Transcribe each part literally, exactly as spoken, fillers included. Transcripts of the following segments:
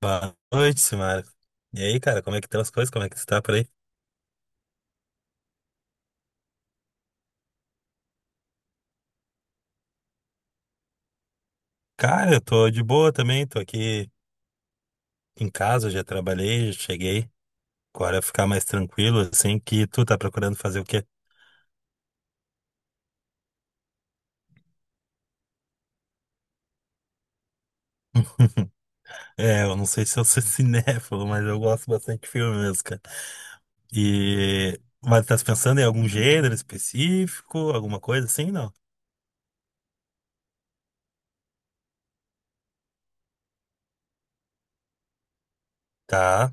Boa noite, Simara. E aí, cara, como é que estão as coisas? Como é que você tá por aí? Cara, eu tô de boa também, tô aqui em casa, já trabalhei, já cheguei. Agora é ficar mais tranquilo, assim, que tu tá procurando fazer o quê? É, eu não sei se eu sou cinéfilo, mas eu gosto bastante de filme mesmo, cara. E... Mas tá se pensando em algum gênero específico, alguma coisa assim, não? Tá,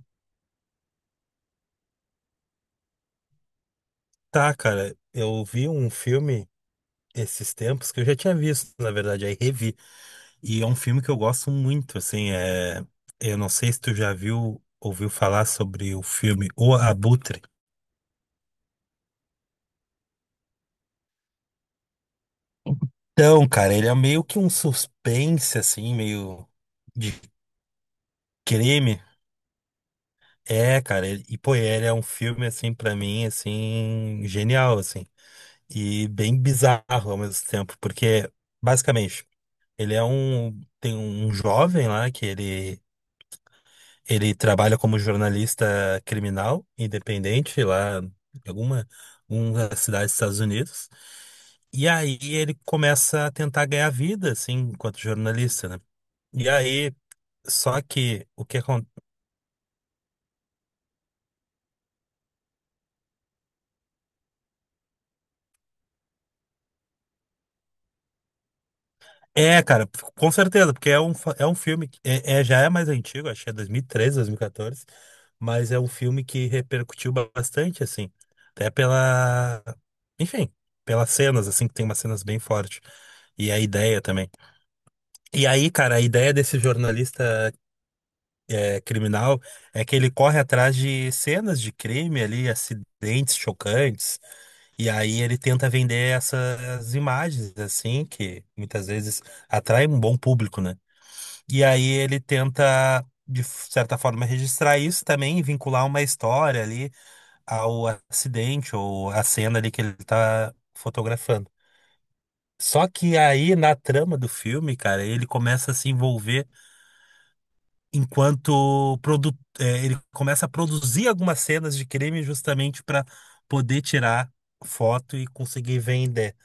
tá, cara. Eu vi um filme esses tempos que eu já tinha visto, na verdade, aí revi. E é um filme que eu gosto muito, assim, é... eu não sei se tu já viu, ouviu falar sobre o filme O Abutre. Então, cara, ele é meio que um suspense, assim, meio de crime. É, cara, ele- e pô, ele é um filme, assim, pra mim, assim, genial, assim. E bem bizarro ao mesmo tempo, porque, basicamente, ele é um... tem um jovem lá que ele ele trabalha como jornalista criminal independente lá em alguma uma cidade dos Estados Unidos. E aí ele começa a tentar ganhar vida, assim, enquanto jornalista, né? E aí, só que o que acontece. É, cara, com certeza, porque é um, fa- é um filme que é, é- já é mais antigo, acho que é dois mil e treze, dois mil e quatorze, mas é um filme que repercutiu ba- bastante, assim, até pela, enfim, pelas cenas, assim, que tem umas cenas bem fortes, e a ideia também. E aí, cara, a ideia desse jornalista é, criminal é que ele corre atrás de cenas de crime ali, acidentes chocantes, e aí ele tenta vender essas imagens, assim, que muitas vezes atraem um bom público, né? E aí ele tenta, de certa forma, registrar isso também, e vincular uma história ali ao acidente ou à cena ali que ele tá fotografando. Só que aí, na trama do filme, cara, ele começa a se envolver enquanto produ- eh, ele começa a produzir algumas cenas de crime justamente para poder tirar foto e conseguir vender.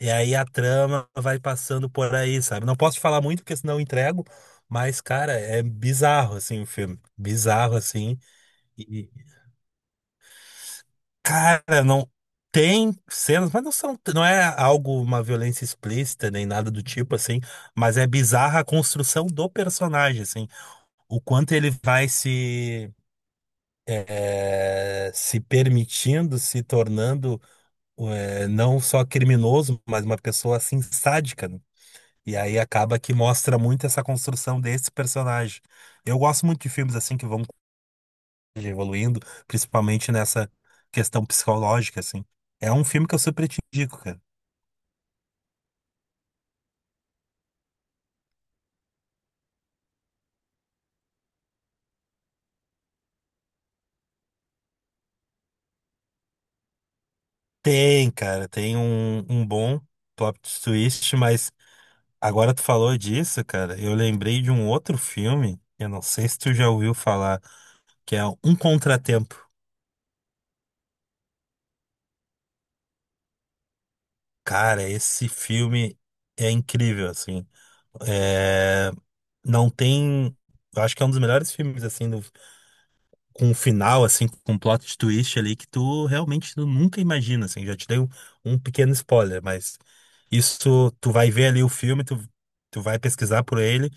E aí a trama vai passando por aí, sabe? Não posso te falar muito porque senão eu entrego, mas cara, é bizarro assim o filme, bizarro assim. E cara, não tem cenas, mas não são, não é algo uma violência explícita nem nada do tipo assim, mas é bizarra a construção do personagem assim, o quanto ele vai se eh, se permitindo, se tornando eh, não só criminoso, mas uma pessoa assim sádica, né? E aí acaba que mostra muito essa construção desse personagem. Eu gosto muito de filmes assim que vão evoluindo, principalmente nessa questão psicológica, assim. É um filme que eu super te indico, cara. Tem, cara, tem um, um bom plot twist, mas agora tu falou disso, cara, eu lembrei de um outro filme, eu não sei se tu já ouviu falar, que é Um Contratempo. Cara, esse filme é incrível, assim. É, não tem. Eu acho que é um dos melhores filmes, assim, do- com o final, assim, com um plot twist ali que tu realmente tu nunca imagina, assim. Já te dei um, um pequeno spoiler, mas isso tu vai ver ali o filme, tu, tu vai pesquisar por ele.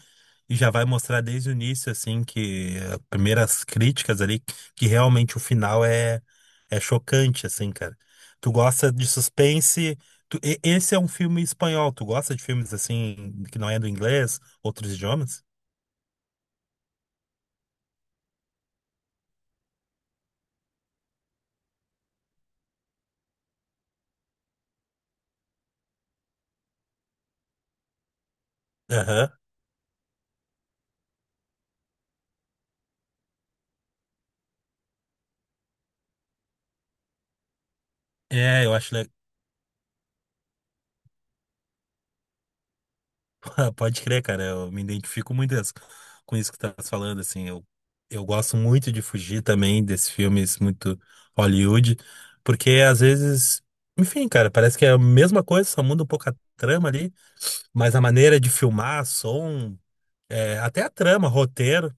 E já vai mostrar desde o início, assim, que as primeiras críticas ali, que realmente o final é, é chocante, assim, cara. Tu gosta de suspense. Tu- e- esse é um filme espanhol. Tu gosta de filmes, assim, que não é do inglês, outros idiomas? Aham. É, eu acho. Pode crer, cara, eu me identifico muito as- com isso que tu estás falando, assim, eu, eu gosto muito de fugir também desses filmes muito Hollywood, porque às vezes, enfim, cara, parece que é a mesma coisa, só muda um pouco a trama ali, mas a maneira de filmar, som, é, até a trama, roteiro.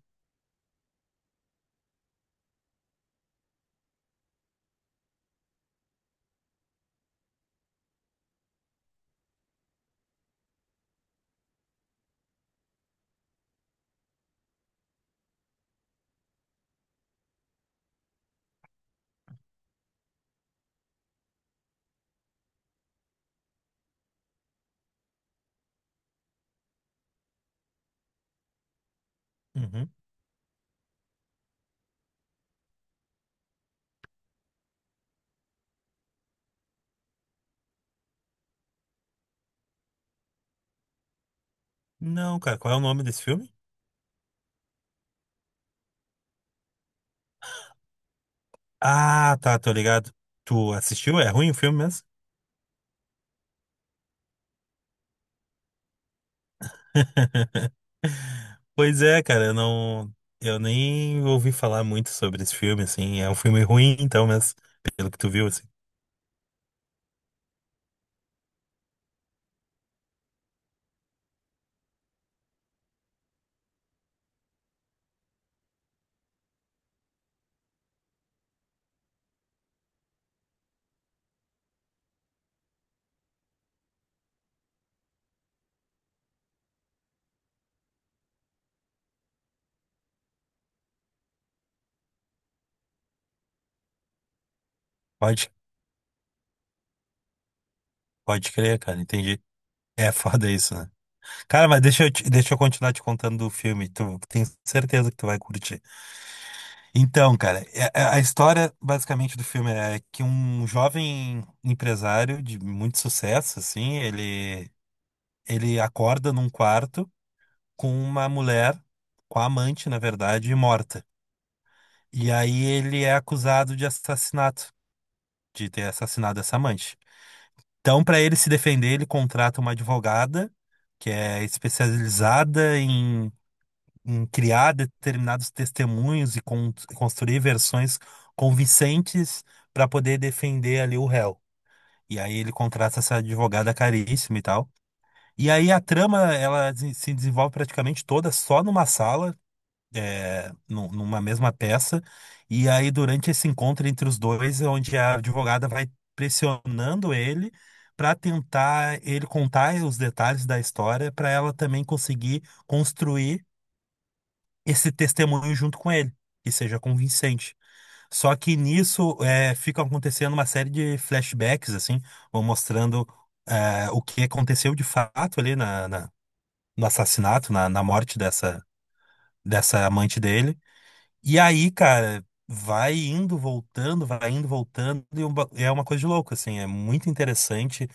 Uhum. Não, cara, qual é o nome desse filme? Ah, tá, tô ligado. Tu assistiu? É ruim o filme mesmo? Pois é, cara, eu não. Eu nem ouvi falar muito sobre esse filme, assim. É um filme ruim, então, mas pelo que tu viu, assim. Pode, Pode crer, cara, entendi. É foda isso, né? Cara, mas deixa eu, te- deixa eu continuar te contando do filme. Tu tenho certeza que tu vai curtir. Então, cara, é- é- a história basicamente do filme é que um jovem empresário de muito sucesso, assim, ele, ele acorda num quarto com uma mulher, com a amante, na verdade, morta. E aí ele é acusado de assassinato, de ter assassinado essa amante. Então, para ele se defender, ele contrata uma advogada que é especializada em, em criar determinados testemunhos e con- construir versões convincentes para poder defender ali o réu. E aí ele contrata essa advogada caríssima e tal. E aí a trama, ela se se desenvolve praticamente toda só numa sala é, num- numa mesma peça. E aí, durante esse encontro entre os dois, é onde a advogada vai pressionando ele para tentar ele contar os detalhes da história, para ela também conseguir construir esse testemunho junto com ele, que seja convincente. Só que nisso é, fica acontecendo uma série de flashbacks, assim, vão mostrando é, o que aconteceu de fato ali na, na- no assassinato, na, na morte dessa, dessa amante dele. E aí, cara, vai indo, voltando, vai indo, voltando, e um ba- é uma coisa de louco, assim, é muito interessante.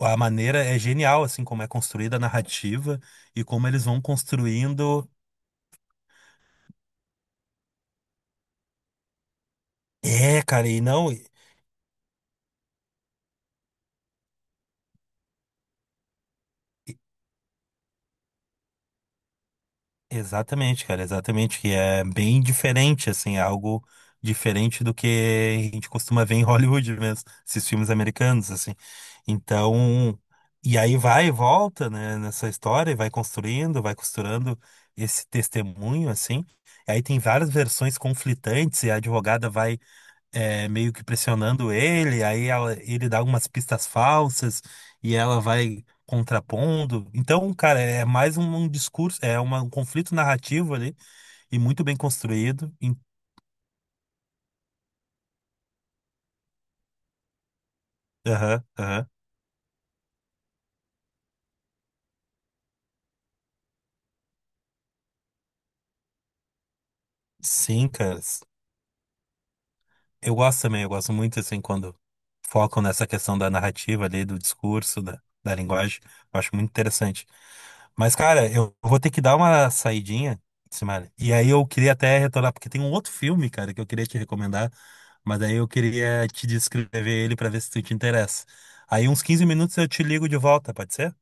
A maneira é genial, assim, como é construída a narrativa e como eles vão construindo. É, cara, e não. Exatamente, cara, exatamente, que é bem diferente, assim, é algo diferente do que a gente costuma ver em Hollywood mesmo, esses filmes americanos, assim. Então, e aí vai e volta, né, nessa história, e vai construindo, vai costurando esse testemunho, assim. Aí tem várias versões conflitantes, e a advogada vai é, meio que pressionando ele, aí ela- ele dá algumas pistas falsas e ela vai contrapondo. Então, cara, é mais um, um discurso, é uma- um conflito narrativo ali e muito bem construído. Em- Aham, aham. Sim, cara. Eu gosto também, eu gosto muito assim quando focam nessa questão da narrativa ali, do discurso, da, da linguagem. Eu acho muito interessante. Mas, cara, eu vou ter que dar uma saidinha, Simara. E aí eu queria até retornar, porque tem um outro filme, cara, que eu queria te recomendar, mas aí eu queria te descrever ele pra ver se tu te interessa. Aí uns quinze minutos eu te ligo de volta, pode ser?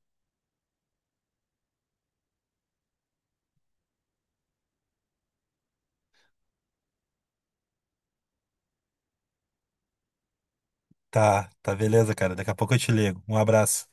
Tá, tá beleza, cara. Daqui a pouco eu te ligo. Um abraço.